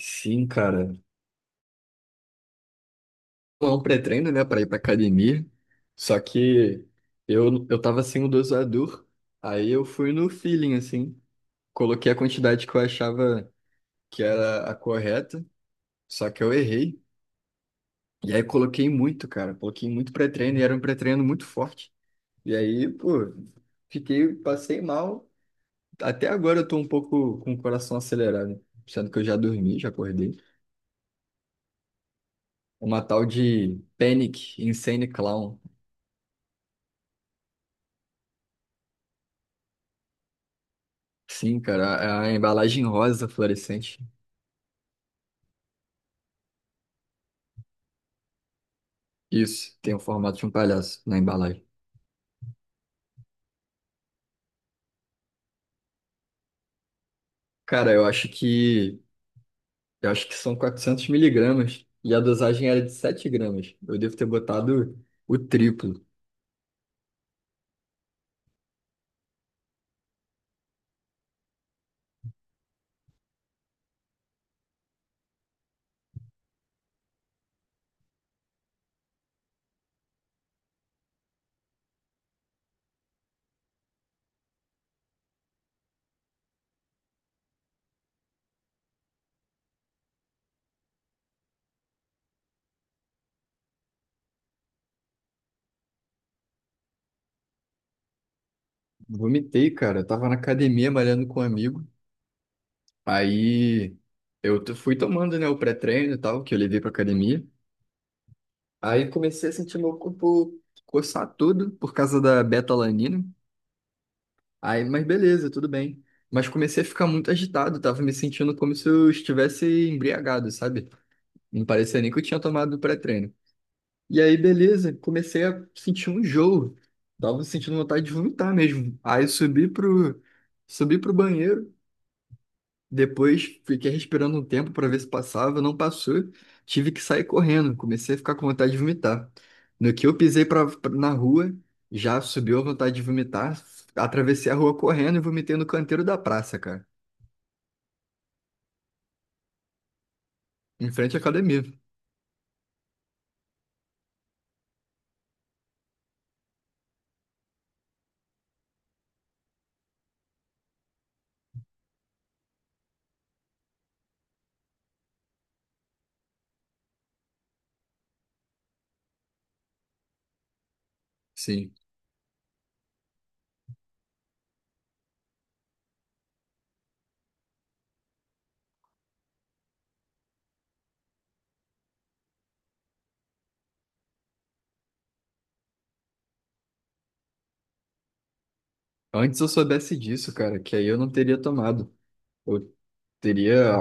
Sim, cara. É um pré-treino, né, pra ir pra academia. Só que eu tava sem o dosador, aí eu fui no feeling, assim. Coloquei a quantidade que eu achava que era a correta, só que eu errei. E aí coloquei muito, cara. Coloquei muito pré-treino e era um pré-treino muito forte. E aí, pô, passei mal. Até agora eu tô um pouco com o coração acelerado, sendo que eu já dormi, já acordei. Uma tal de Panic Insane Clown. Sim, cara, a embalagem rosa fluorescente. Isso, tem o formato de um palhaço na embalagem. Cara, eu acho que são 400 mg e a dosagem era de 7 g. Eu devo ter botado o triplo. Vomitei, cara. Eu tava na academia malhando com um amigo. Aí fui tomando, né, o pré-treino e tal, que eu levei pra academia. Aí comecei a sentir meu corpo coçar tudo por causa da beta-alanina. Aí, mas beleza, tudo bem. Mas comecei a ficar muito agitado, tava me sentindo como se eu estivesse embriagado, sabe? Não parecia nem que eu tinha tomado pré-treino. E aí, beleza, comecei a sentir um enjoo. Tava sentindo vontade de vomitar mesmo. Aí subi pro banheiro. Depois fiquei respirando um tempo para ver se passava, não passou. Tive que sair correndo, comecei a ficar com vontade de vomitar. No que eu pisei na rua, já subiu a vontade de vomitar. Atravessei a rua correndo e vomitei no canteiro da praça, cara, em frente à academia. Sim. Antes eu soubesse disso, cara, que aí eu não teria tomado. Eu teria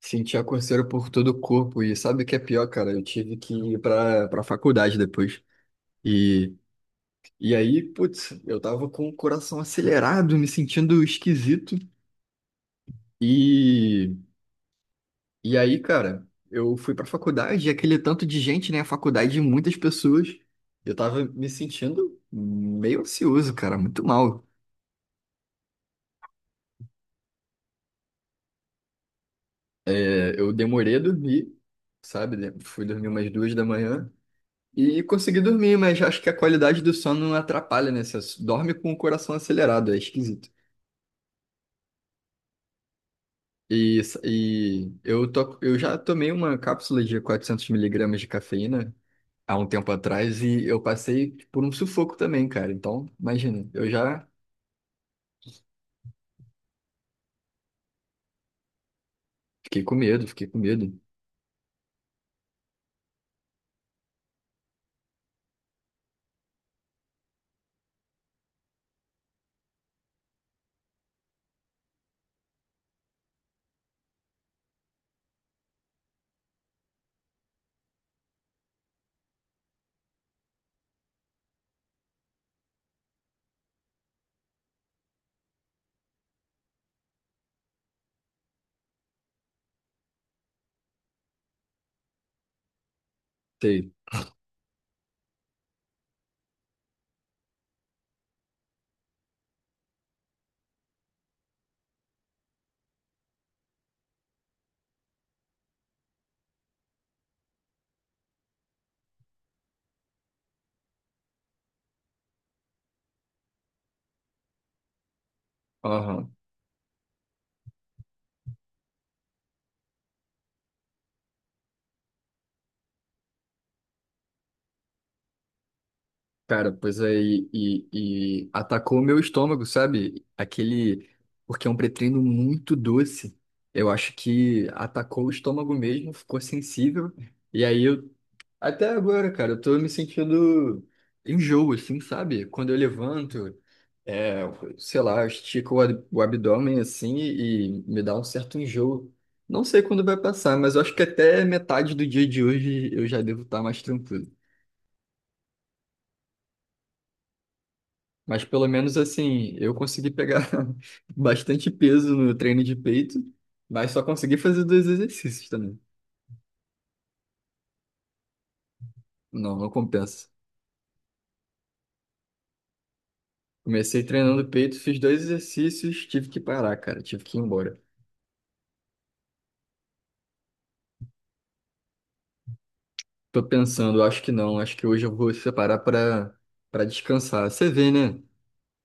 Senti a coceira por todo o corpo e sabe o que é pior, cara? Eu tive que ir pra para faculdade depois. e E aí, putz, eu tava com o coração acelerado, me sentindo esquisito. E, e aí, cara, eu fui pra faculdade, e aquele tanto de gente, né? A faculdade de muitas pessoas. Eu tava me sentindo meio ansioso, cara, muito mal. É, eu demorei a dormir, sabe? Né, fui dormir umas 2 da manhã e consegui dormir, mas acho que a qualidade do sono atrapalha, né? Você dorme com o coração acelerado, é esquisito. E eu já tomei uma cápsula de 400 mg de cafeína há um tempo atrás e eu passei por um sufoco também, cara. Então, imagina, eu já fiquei com medo, fiquei com medo. Sei. Aham. Cara, pois aí, e atacou o meu estômago, sabe? Aquele. Porque é um pré-treino muito doce. Eu acho que atacou o estômago mesmo, ficou sensível. E aí eu Até agora, cara, eu tô me sentindo enjoo, assim, sabe? Quando eu levanto, é, sei lá, estico o abdômen, assim, e me dá um certo enjoo. Não sei quando vai passar, mas eu acho que até metade do dia de hoje eu já devo estar mais tranquilo. Mas pelo menos, assim, eu consegui pegar bastante peso no treino de peito, mas só consegui fazer dois exercícios também. Não, não compensa. Comecei treinando peito, fiz dois exercícios, tive que parar, cara, tive que ir embora. Tô pensando, acho que não. Acho que hoje eu vou separar pra para descansar. Você vê, né?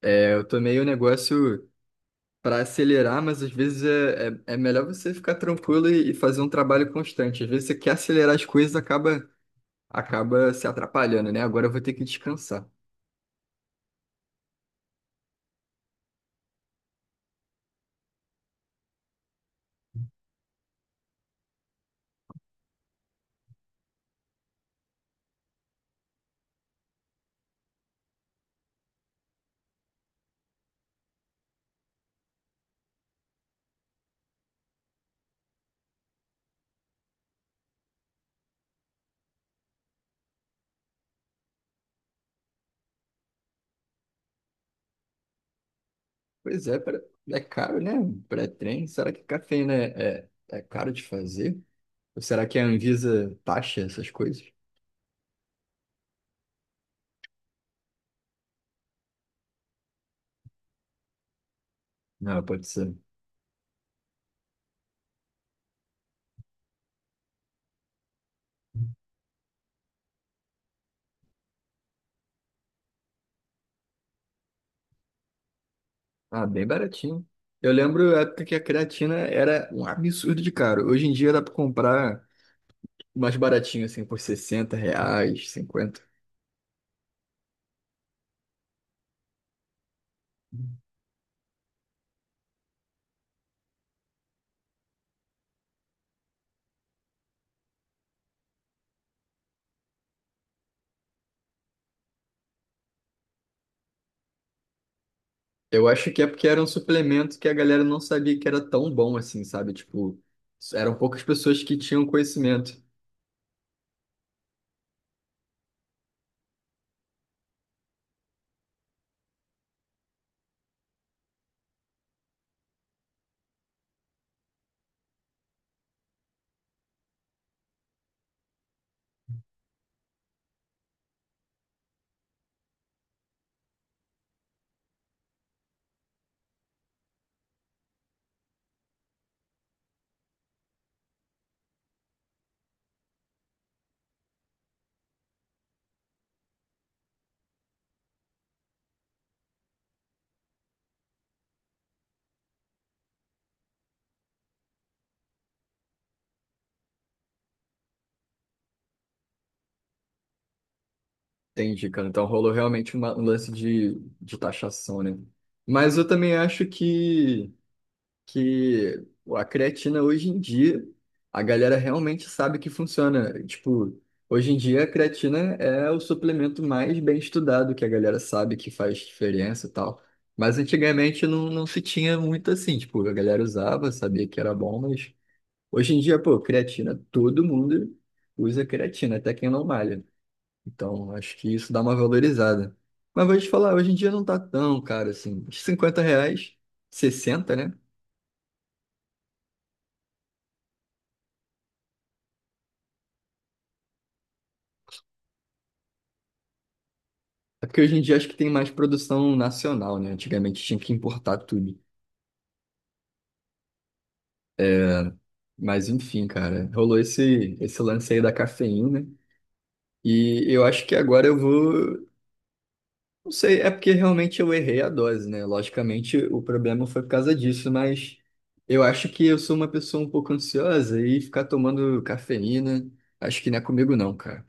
É, eu tomei o negócio pra acelerar, mas às vezes é melhor você ficar tranquilo e fazer um trabalho constante. Às vezes você quer acelerar as coisas, acaba se atrapalhando, né? Agora eu vou ter que descansar. Pois é, é caro, né? Um pré-treino. Será que cafeína é caro de fazer? Ou será que a Anvisa taxa essas coisas? Não, pode ser. Ah, bem baratinho. Eu lembro a época que a creatina era um absurdo de caro. Hoje em dia dá pra comprar mais baratinho, assim, por 60 reais, 50. Eu acho que é porque era um suplemento que a galera não sabia que era tão bom assim, sabe? Tipo, eram poucas pessoas que tinham conhecimento. Entendi, cara. Então rolou realmente um lance de taxação, né? Mas eu também acho que a creatina hoje em dia, a galera realmente sabe que funciona. Tipo, hoje em dia a creatina é o suplemento mais bem estudado, que a galera sabe que faz diferença e tal. Mas antigamente não, não se tinha muito assim, tipo, a galera usava, sabia que era bom, mas hoje em dia, pô, creatina, todo mundo usa creatina, até quem não malha. Então, acho que isso dá uma valorizada. Mas vou te falar, hoje em dia não tá tão caro assim. 50 reais, 60, né? É porque hoje em dia acho que tem mais produção nacional, né? Antigamente tinha que importar tudo. Mas enfim, cara, rolou esse lance aí da cafeína. E eu acho que agora eu vou. Não sei, é porque realmente eu errei a dose, né? Logicamente o problema foi por causa disso, mas eu acho que eu sou uma pessoa um pouco ansiosa e ficar tomando cafeína, acho que não é comigo, não, cara.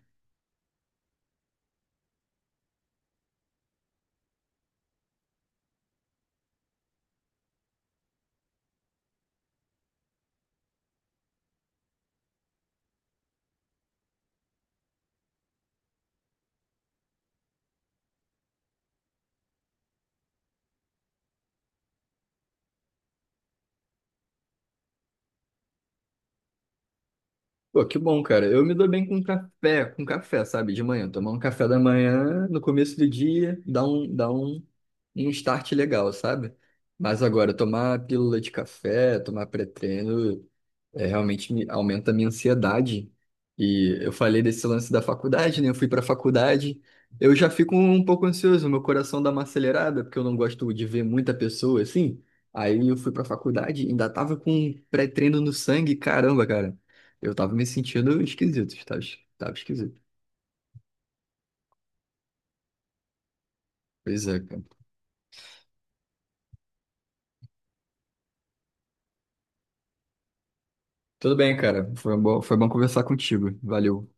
Pô, que bom, cara. Eu me dou bem com café, sabe? De manhã. Tomar um café da manhã, no começo do dia, dá um start legal, sabe? Mas agora, tomar pílula de café, tomar pré-treino, é, realmente aumenta a minha ansiedade. E eu falei desse lance da faculdade, né? Eu fui para a faculdade, eu já fico um pouco ansioso, meu coração dá uma acelerada, porque eu não gosto de ver muita pessoa assim. Aí eu fui para a faculdade, ainda tava com pré-treino no sangue, caramba, cara. Eu tava me sentindo esquisito, tava esquisito. Pois é, cara. Tudo bem, cara. Foi bom conversar contigo. Valeu.